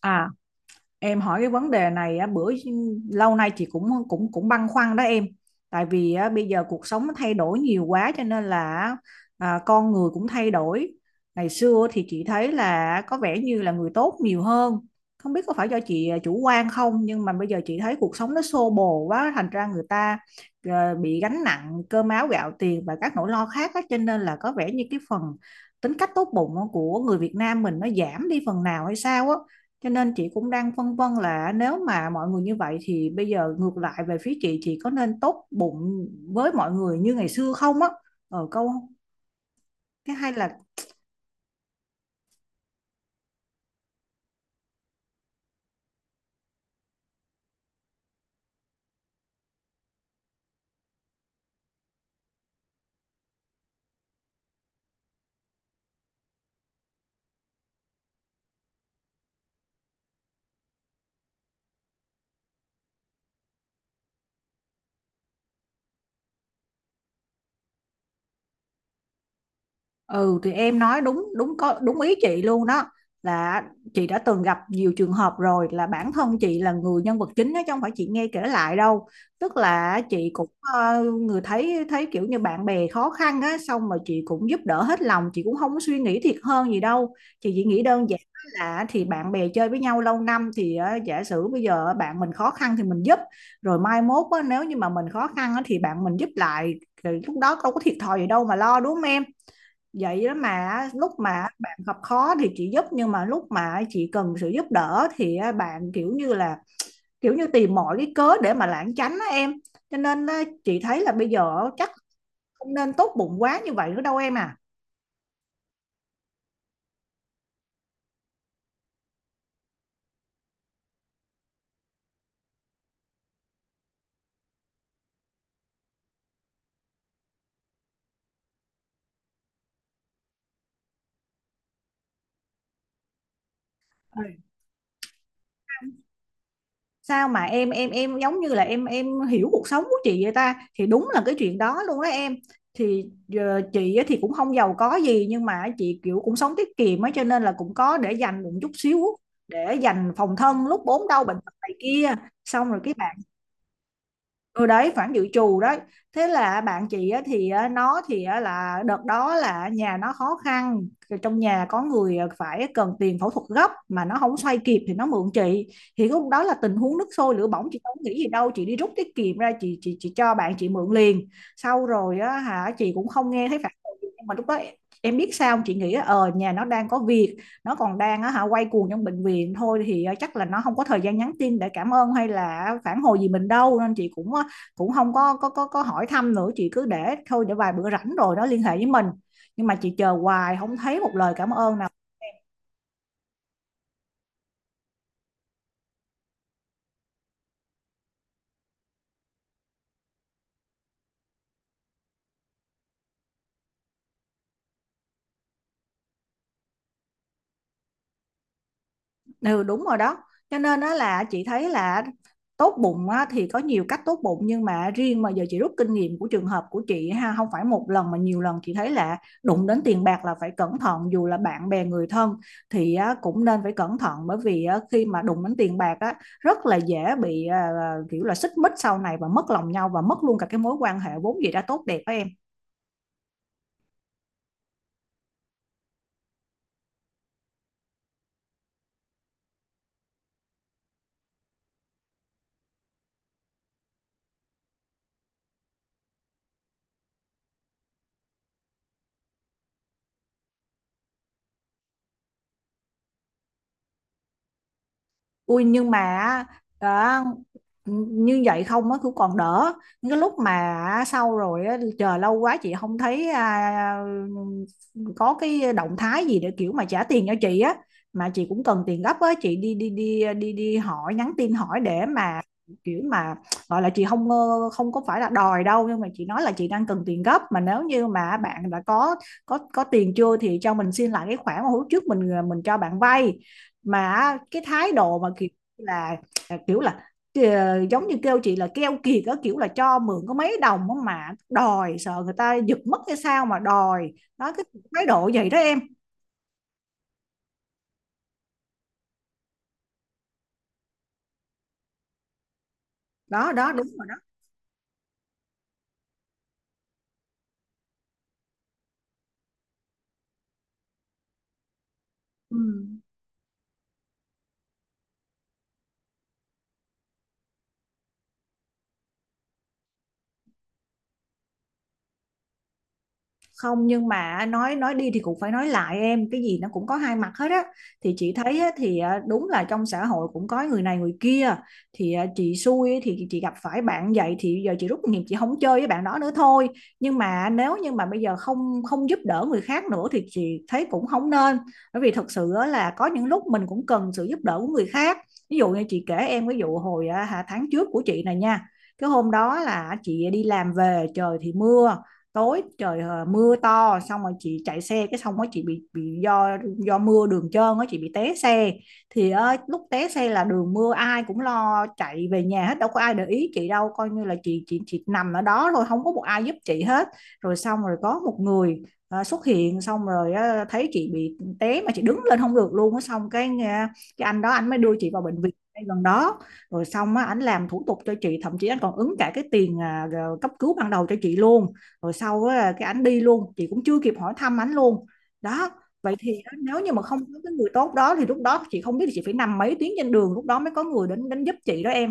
À, em hỏi cái vấn đề này á, bữa lâu nay chị cũng cũng cũng băn khoăn đó em. Tại vì á, bây giờ cuộc sống nó thay đổi nhiều quá cho nên là con người cũng thay đổi. Ngày xưa thì chị thấy là có vẻ như là người tốt nhiều hơn. Không biết có phải do chị chủ quan không, nhưng mà bây giờ chị thấy cuộc sống nó xô bồ quá, thành ra người ta bị gánh nặng cơm áo gạo tiền và các nỗi lo khác á, cho nên là có vẻ như cái phần tính cách tốt bụng của người Việt Nam mình nó giảm đi phần nào hay sao á. Cho nên chị cũng đang phân vân là nếu mà mọi người như vậy thì bây giờ ngược lại về phía chị có nên tốt bụng với mọi người như ngày xưa không á. Ờ câu cái hay là Ừ thì em nói đúng đúng có đúng ý chị luôn đó, là chị đã từng gặp nhiều trường hợp rồi, là bản thân chị là người nhân vật chính đó chứ không phải chị nghe kể lại đâu. Tức là chị cũng người thấy thấy kiểu như bạn bè khó khăn á, xong mà chị cũng giúp đỡ hết lòng, chị cũng không có suy nghĩ thiệt hơn gì đâu. Chị chỉ nghĩ đơn giản là thì bạn bè chơi với nhau lâu năm thì giả sử bây giờ bạn mình khó khăn thì mình giúp, rồi mai mốt á, nếu như mà mình khó khăn á, thì bạn mình giúp lại. Thì lúc đó đâu có thiệt thòi gì đâu mà lo, đúng không em? Vậy đó, mà lúc mà bạn gặp khó thì chị giúp, nhưng mà lúc mà chị cần sự giúp đỡ thì á, bạn kiểu như là kiểu như tìm mọi cái cớ để mà lảng tránh á em. Cho nên á, chị thấy là bây giờ chắc không nên tốt bụng quá như vậy nữa đâu em à. Sao mà em giống như là em hiểu cuộc sống của chị vậy ta, thì đúng là cái chuyện đó luôn đó em. Thì chị á thì cũng không giàu có gì, nhưng mà chị kiểu cũng sống tiết kiệm ấy, cho nên là cũng có để dành một chút xíu, để dành phòng thân lúc ốm đau bệnh tật này kia. Xong rồi cái bà Ừ, đấy, khoản dự trù đấy. Thế là bạn chị á, thì á, nó thì á, là đợt đó là nhà nó khó khăn. Rồi trong nhà có người phải cần tiền phẫu thuật gấp mà nó không xoay kịp thì nó mượn chị. Thì lúc đó là tình huống nước sôi lửa bỏng, chị không nghĩ gì đâu, chị đi rút tiết kiệm ra, chị cho bạn chị mượn liền. Sau rồi á, hả, chị cũng không nghe thấy phản hồi gì, nhưng mà lúc đó em biết sao không? Chị nghĩ á, ờ, nhà nó đang có việc, nó còn đang á, hả, quay cuồng trong bệnh viện thôi, thì ờ, chắc là nó không có thời gian nhắn tin để cảm ơn hay là phản hồi gì mình đâu, nên chị cũng cũng không có hỏi thăm nữa, chị cứ để thôi, để vài bữa rảnh rồi nó liên hệ với mình. Nhưng mà chị chờ hoài không thấy một lời cảm ơn nào. Ừ đúng rồi đó, cho nên đó là chị thấy là tốt bụng á, thì có nhiều cách tốt bụng, nhưng mà riêng mà giờ chị rút kinh nghiệm của trường hợp của chị ha, không phải một lần mà nhiều lần, chị thấy là đụng đến tiền bạc là phải cẩn thận, dù là bạn bè người thân thì á, cũng nên phải cẩn thận, bởi vì á, khi mà đụng đến tiền bạc á, rất là dễ bị kiểu là xích mích sau này và mất lòng nhau và mất luôn cả cái mối quan hệ vốn gì đã tốt đẹp đó em. Ui, nhưng mà đó, như vậy không á cũng còn đỡ. Những cái lúc mà sau rồi á, chờ lâu quá chị không thấy có cái động thái gì để kiểu mà trả tiền cho chị á, mà chị cũng cần tiền gấp á, chị đi đi đi đi đi hỏi, nhắn tin hỏi để mà kiểu mà gọi là chị không không có phải là đòi đâu, nhưng mà chị nói là chị đang cần tiền gấp, mà nếu như mà bạn đã có tiền chưa thì cho mình xin lại cái khoản mà hôm trước mình mình cho bạn vay. Mà cái thái độ mà kiểu là à, kiểu là ờ, giống như kêu chị là keo kiệt đó, kiểu là cho mượn có mấy đồng mà đòi, sợ người ta giật mất hay sao mà đòi đó, cái thái độ vậy đó em. Đó đó, đúng rồi đó. Ừ. Không, nhưng mà nói đi thì cũng phải nói lại em, cái gì nó cũng có hai mặt hết á. Thì chị thấy á, thì à, đúng là trong xã hội cũng có người này người kia, thì à, chị xui á, thì chị gặp phải bạn vậy, thì giờ chị rút kinh nghiệm chị không chơi với bạn đó nữa thôi. Nhưng mà nếu như mà bây giờ không không giúp đỡ người khác nữa thì chị thấy cũng không nên, bởi vì thật sự á, là có những lúc mình cũng cần sự giúp đỡ của người khác. Ví dụ như chị kể em, ví dụ hồi tháng trước của chị này nha. Cái hôm đó là chị đi làm về, trời thì mưa tối trời, ờ, mưa to, xong rồi chị chạy xe, cái xong rồi chị bị do mưa đường trơn á, chị bị té xe. Thì ờ, lúc té xe là đường mưa ai cũng lo chạy về nhà hết, đâu có ai để ý chị đâu, coi như là chị nằm ở đó thôi, không có một ai giúp chị hết. Rồi xong rồi có một người xuất hiện, xong rồi ờ, thấy chị bị té mà chị đứng lên không được luôn á, xong cái cái anh đó anh mới đưa chị vào bệnh viện ngay gần đó. Rồi xong á, anh làm thủ tục cho chị, thậm chí anh còn ứng cả cái tiền cấp cứu ban đầu cho chị luôn. Rồi sau á, cái ảnh đi luôn, chị cũng chưa kịp hỏi thăm ảnh luôn đó. Vậy thì á, nếu như mà không có cái người tốt đó thì lúc đó chị không biết là chị phải nằm mấy tiếng trên đường lúc đó mới có người đến đến giúp chị đó em.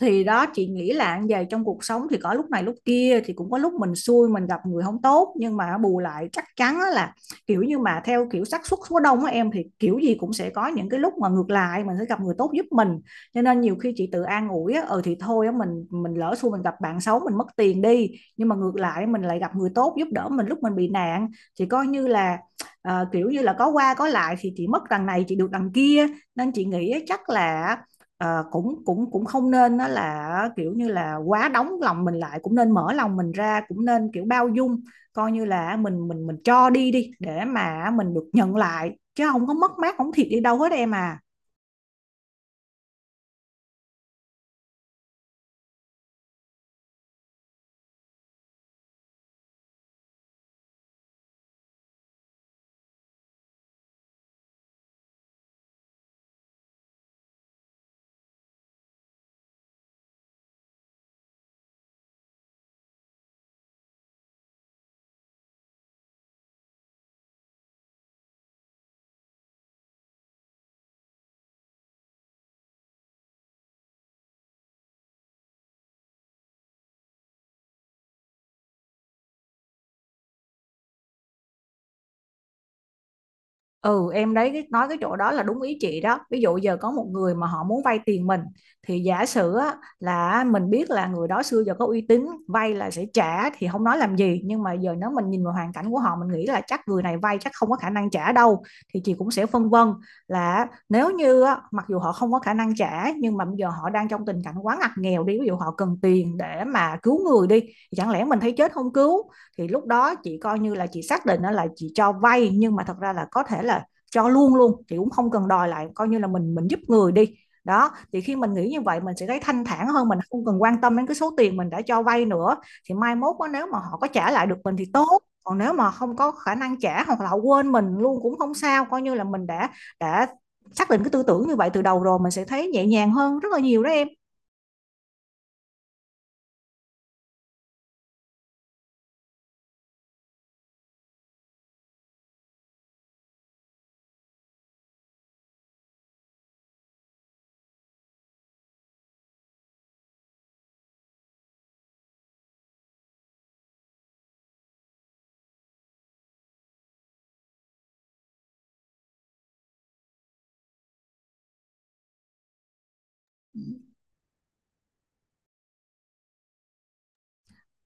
Thì đó, chị nghĩ là về trong cuộc sống thì có lúc này lúc kia, thì cũng có lúc mình xui mình gặp người không tốt, nhưng mà bù lại chắc chắn á là kiểu như mà theo kiểu xác suất số đông á em, thì kiểu gì cũng sẽ có những cái lúc mà ngược lại mình sẽ gặp người tốt giúp mình. Cho nên nhiều khi chị tự an ủi á, ừ thì thôi á, mình lỡ xui mình gặp bạn xấu mình mất tiền đi, nhưng mà ngược lại mình lại gặp người tốt giúp đỡ mình lúc mình bị nạn, thì coi như là kiểu như là có qua có lại, thì chị mất đằng này chị được đằng kia. Nên chị nghĩ chắc là ờ, cũng cũng cũng không nên nó là kiểu như là quá đóng lòng mình lại, cũng nên mở lòng mình ra, cũng nên kiểu bao dung, coi như là mình cho đi đi để mà mình được nhận lại, chứ không có mất mát không thiệt đi đâu hết em à. Ừ em, đấy, nói cái chỗ đó là đúng ý chị đó. Ví dụ giờ có một người mà họ muốn vay tiền mình, thì giả sử á, là mình biết là người đó xưa giờ có uy tín, vay là sẽ trả thì không nói làm gì, nhưng mà giờ nếu mình nhìn vào hoàn cảnh của họ, mình nghĩ là chắc người này vay chắc không có khả năng trả đâu, thì chị cũng sẽ phân vân là nếu như á, mặc dù họ không có khả năng trả, nhưng mà bây giờ họ đang trong tình cảnh quá ngặt nghèo đi, ví dụ họ cần tiền để mà cứu người đi, thì chẳng lẽ mình thấy chết không cứu. Thì lúc đó chị coi như là chị xác định là chị cho vay, nhưng mà thật ra là có thể là cho luôn luôn, chị cũng không cần đòi lại, coi như là mình giúp người đi. Đó, thì khi mình nghĩ như vậy mình sẽ thấy thanh thản hơn, mình không cần quan tâm đến cái số tiền mình đã cho vay nữa. Thì mai mốt đó, nếu mà họ có trả lại được mình thì tốt, còn nếu mà không có khả năng trả hoặc là họ quên mình luôn cũng không sao, coi như là mình đã xác định cái tư tưởng như vậy từ đầu rồi, mình sẽ thấy nhẹ nhàng hơn rất là nhiều đó em.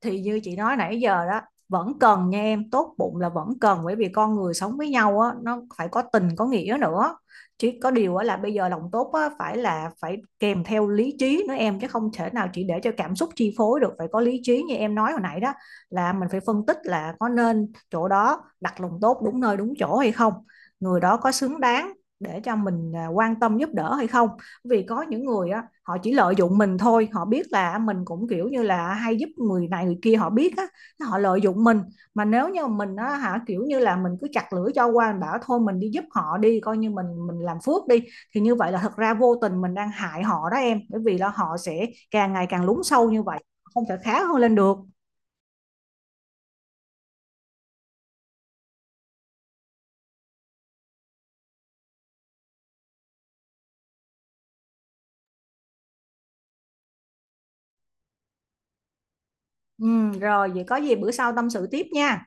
Thì như chị nói nãy giờ đó, vẫn cần nha em, tốt bụng là vẫn cần, bởi vì con người sống với nhau á, nó phải có tình có nghĩa nữa. Chứ có điều á là bây giờ lòng tốt á phải là phải kèm theo lý trí nữa em, chứ không thể nào chỉ để cho cảm xúc chi phối được, phải có lý trí như em nói hồi nãy đó, là mình phải phân tích là có nên chỗ đó đặt lòng tốt đúng nơi đúng chỗ hay không, người đó có xứng đáng để cho mình quan tâm giúp đỡ hay không. Vì có những người á họ chỉ lợi dụng mình thôi, họ biết là mình cũng kiểu như là hay giúp người này người kia, họ biết á họ lợi dụng mình. Mà nếu như mình á, hả, kiểu như là mình cứ chặt lưỡi cho qua, mình bảo thôi mình đi giúp họ đi, coi như mình làm phước đi, thì như vậy là thật ra vô tình mình đang hại họ đó em, bởi vì là họ sẽ càng ngày càng lún sâu như vậy, không thể khá hơn lên được. Ừ, rồi vậy có gì bữa sau tâm sự tiếp nha.